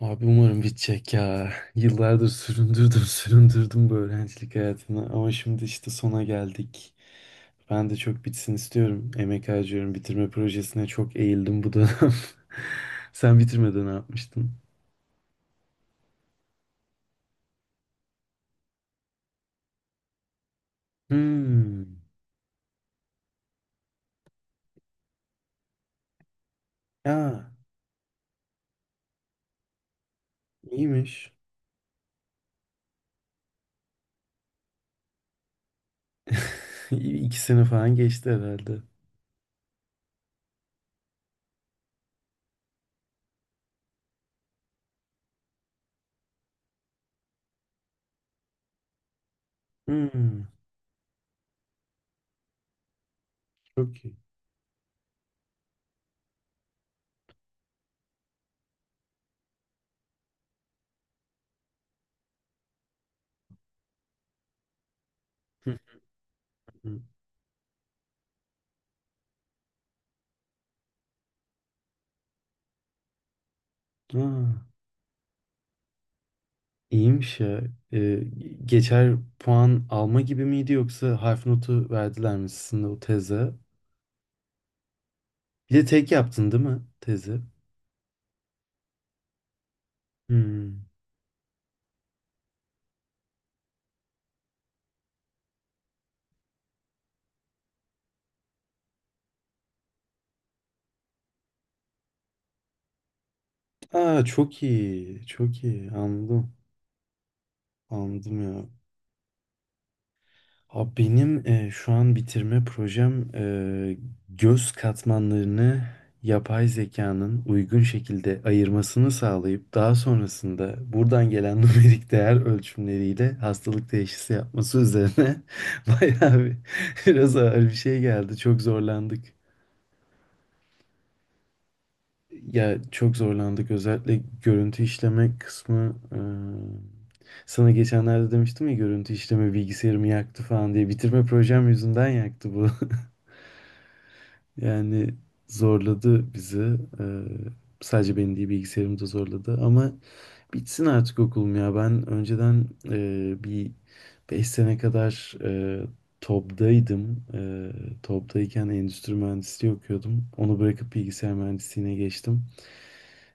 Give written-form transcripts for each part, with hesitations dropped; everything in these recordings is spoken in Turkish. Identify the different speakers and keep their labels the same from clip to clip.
Speaker 1: Abi umarım bitecek ya. Yıllardır süründürdüm bu öğrencilik hayatını ama şimdi işte sona geldik. Ben de çok bitsin istiyorum. Emek harcıyorum. Bitirme projesine çok eğildim bu dönem. Sen bitirmeden ne yapmıştın? Hmm. Ya iyiymiş. İyi, İki sene falan geçti herhalde. Hmm. Çok iyi. Hı hı. Aa, iyiymiş ya. Ee, Geçer puan alma gibi miydi yoksa harf notu verdiler mi sizin de o teze? Bir de tek yaptın değil mi tezi? Hmm. Aa, çok iyi. Çok iyi. Anladım. Anladım ya. Abi benim şu an bitirme projem, göz katmanlarını yapay zekanın uygun şekilde ayırmasını sağlayıp daha sonrasında buradan gelen numerik değer ölçümleriyle hastalık teşhisi yapması üzerine, bayağı bir, biraz ağır bir şey geldi. Çok zorlandık. Ya çok zorlandık, özellikle görüntü işleme kısmı. Sana geçenlerde demiştim ya, görüntü işleme bilgisayarımı yaktı falan diye. Bitirme projem yüzünden yaktı bu. Yani zorladı bizi. Eee, Sadece beni değil, bilgisayarımı da zorladı. Ama bitsin artık okulum ya. Ben önceden bir 5 sene kadar TOBB'daydım. TOBB'dayken endüstri mühendisliği okuyordum. Onu bırakıp bilgisayar mühendisliğine geçtim.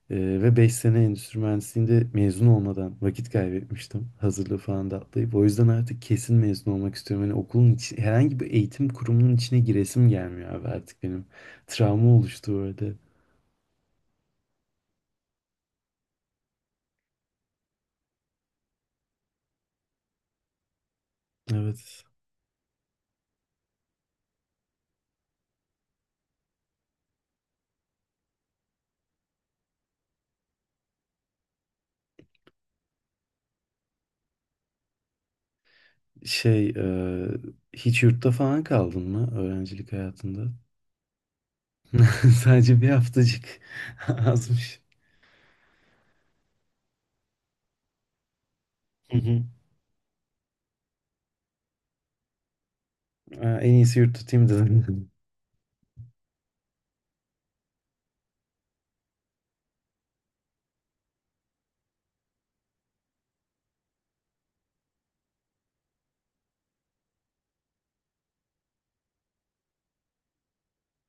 Speaker 1: Ve 5 sene endüstri mühendisliğinde mezun olmadan vakit kaybetmiştim. Hazırlığı falan da atlayıp. O yüzden artık kesin mezun olmak istiyorum. Hani okulun içi, herhangi bir eğitim kurumunun içine giresim gelmiyor abi artık benim. Travma oluştu orada. Evet. Şey, e, Hiç yurtta falan kaldın mı öğrencilik hayatında? Sadece bir haftacık, azmış. Hı hı. Aa, en iyisi yurt tutayım dedim.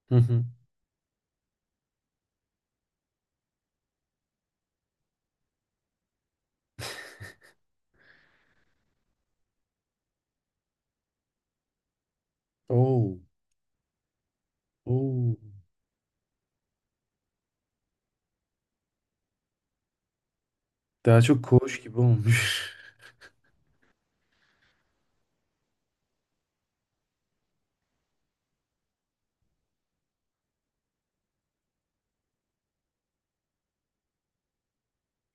Speaker 1: Hı hı. Oo, oo. Daha çok koğuş gibi olmuş.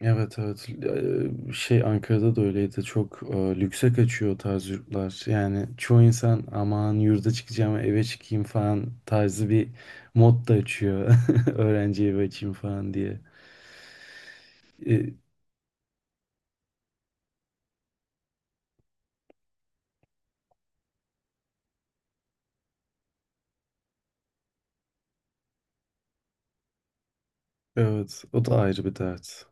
Speaker 1: Evet, evet. Şey, Ankara'da da öyleydi, çok lükse kaçıyor o tarz yurtlar. Yani çoğu insan aman yurda çıkacağım, eve çıkayım falan tarzı bir mod da açıyor. Öğrenci evi açayım falan diye. E, evet, o da ayrı bir dert.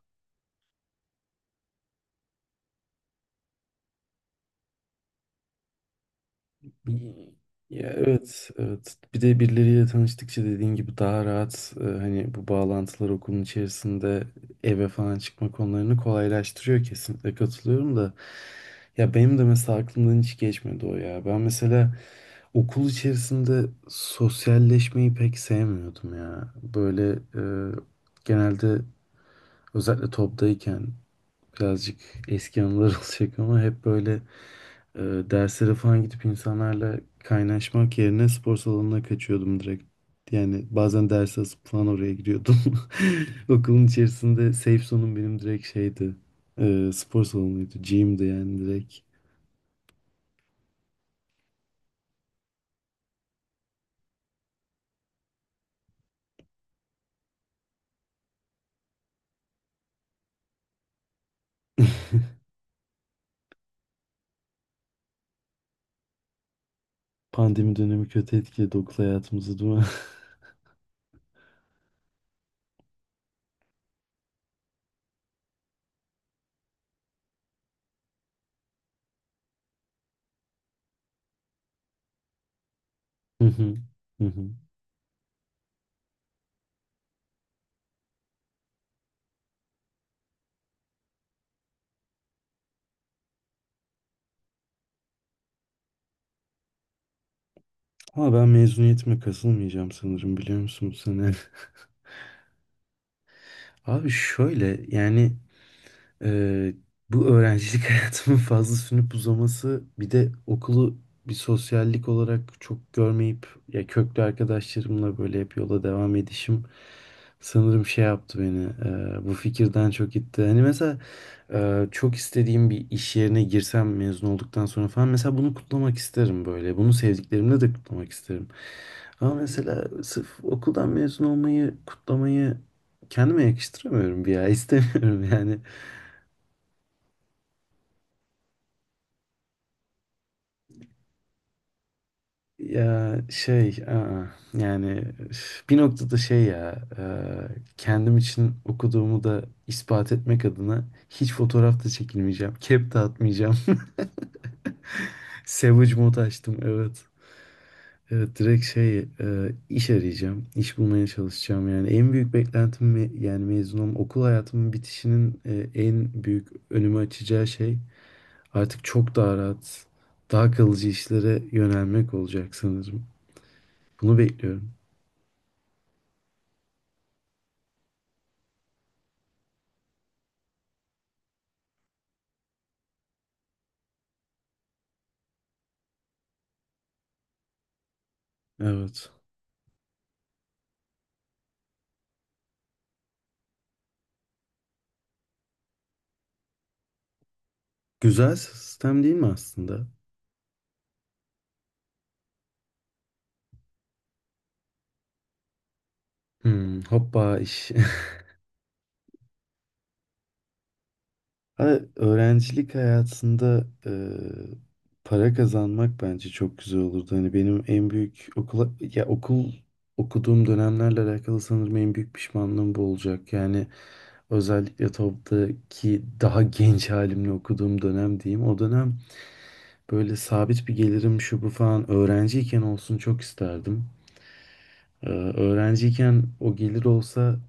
Speaker 1: Ya evet, evet. Bir de birileriyle tanıştıkça dediğin gibi daha rahat, hani bu bağlantılar okulun içerisinde eve falan çıkma konularını kolaylaştırıyor, kesinlikle katılıyorum da. Ya benim de mesela aklımdan hiç geçmedi o ya. Ben mesela okul içerisinde sosyalleşmeyi pek sevmiyordum ya. Böyle, e, genelde özellikle toptayken birazcık eski anılar olacak ama hep böyle, e, derslere falan gidip insanlarla kaynaşmak yerine spor salonuna kaçıyordum direkt. Yani bazen ders asıp falan oraya giriyordum. Okulun içerisinde safe zone'um benim direkt şeydi. E, spor salonuydu. Gym'di yani direkt. Pandemi dönemi kötü etkiledi okul hayatımızı, değil mi? Hı hı. Hı hı. Ama ben mezuniyetime kasılmayacağım sanırım, biliyor musun, bu sene? Abi şöyle, yani, Ee, bu öğrencilik hayatımın fazla sünüp uzaması, bir de okulu bir sosyallik olarak çok görmeyip, ya köklü arkadaşlarımla böyle hep yola devam edişim sanırım şey yaptı beni, bu fikirden çok itti. Hani mesela, çok istediğim bir iş yerine girsem mezun olduktan sonra falan, mesela bunu kutlamak isterim böyle. Bunu sevdiklerimle de kutlamak isterim. Ama mesela sırf okuldan mezun olmayı kutlamayı kendime yakıştıramıyorum bir ya, istemiyorum yani. Ya şey, aa, yani üf, bir noktada şey ya, kendim için okuduğumu da ispat etmek adına hiç fotoğraf da çekilmeyeceğim. Kep de atmayacağım. Savage mode açtım, evet. Evet, direkt şey, iş arayacağım. İş bulmaya çalışacağım yani. En büyük beklentim yani mezun olma, okul hayatımın bitişinin, en büyük önümü açacağı şey, artık çok daha rahat, daha kalıcı işlere yönelmek olacak sanırım. Bunu bekliyorum. Evet. Güzel sistem değil mi aslında? Hmm, hoppa iş. Ha, öğrencilik hayatında, para kazanmak bence çok güzel olurdu. Hani benim en büyük okul okuduğum dönemlerle alakalı sanırım en büyük pişmanlığım bu olacak. Yani özellikle TOBB'daki daha genç halimle okuduğum dönem diyeyim. O dönem böyle sabit bir gelirim, şu bu falan, öğrenciyken olsun çok isterdim. Ee, Öğrenciyken o gelir olsa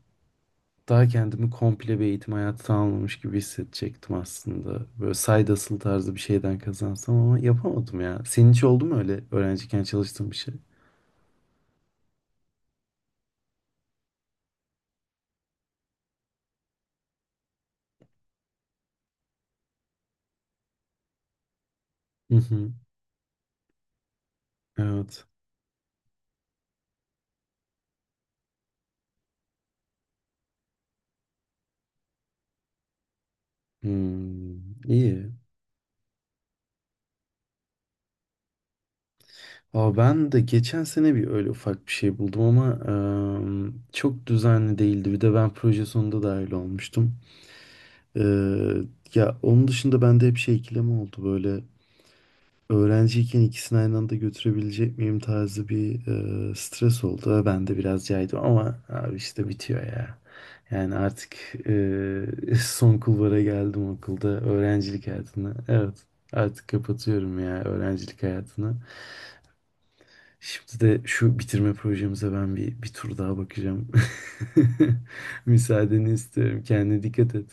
Speaker 1: daha kendimi komple bir eğitim hayatı tamamlamış gibi hissedecektim aslında. Böyle side hustle tarzı bir şeyden kazansam, ama yapamadım ya. Senin hiç oldu mu öyle öğrenciyken çalıştığın bir şey? Hı hı. Evet. Hmm, iyi. Aa, ben de geçen sene bir öyle ufak bir şey buldum ama em, çok düzenli değildi. Bir de ben proje sonunda dahil olmuştum. Eee, Ya onun dışında bende hep şey, ikileme oldu böyle. Öğrenciyken ikisini aynı anda götürebilecek miyim tarzı bir, stres oldu. Ve ben de biraz caydım ama abi işte bitiyor ya. Yani artık, son kulvara geldim okulda, öğrencilik hayatına. Evet, artık kapatıyorum ya öğrencilik hayatını. Şimdi de şu bitirme projemize ben bir tur daha bakacağım. Müsaadeni istiyorum. Kendine dikkat et.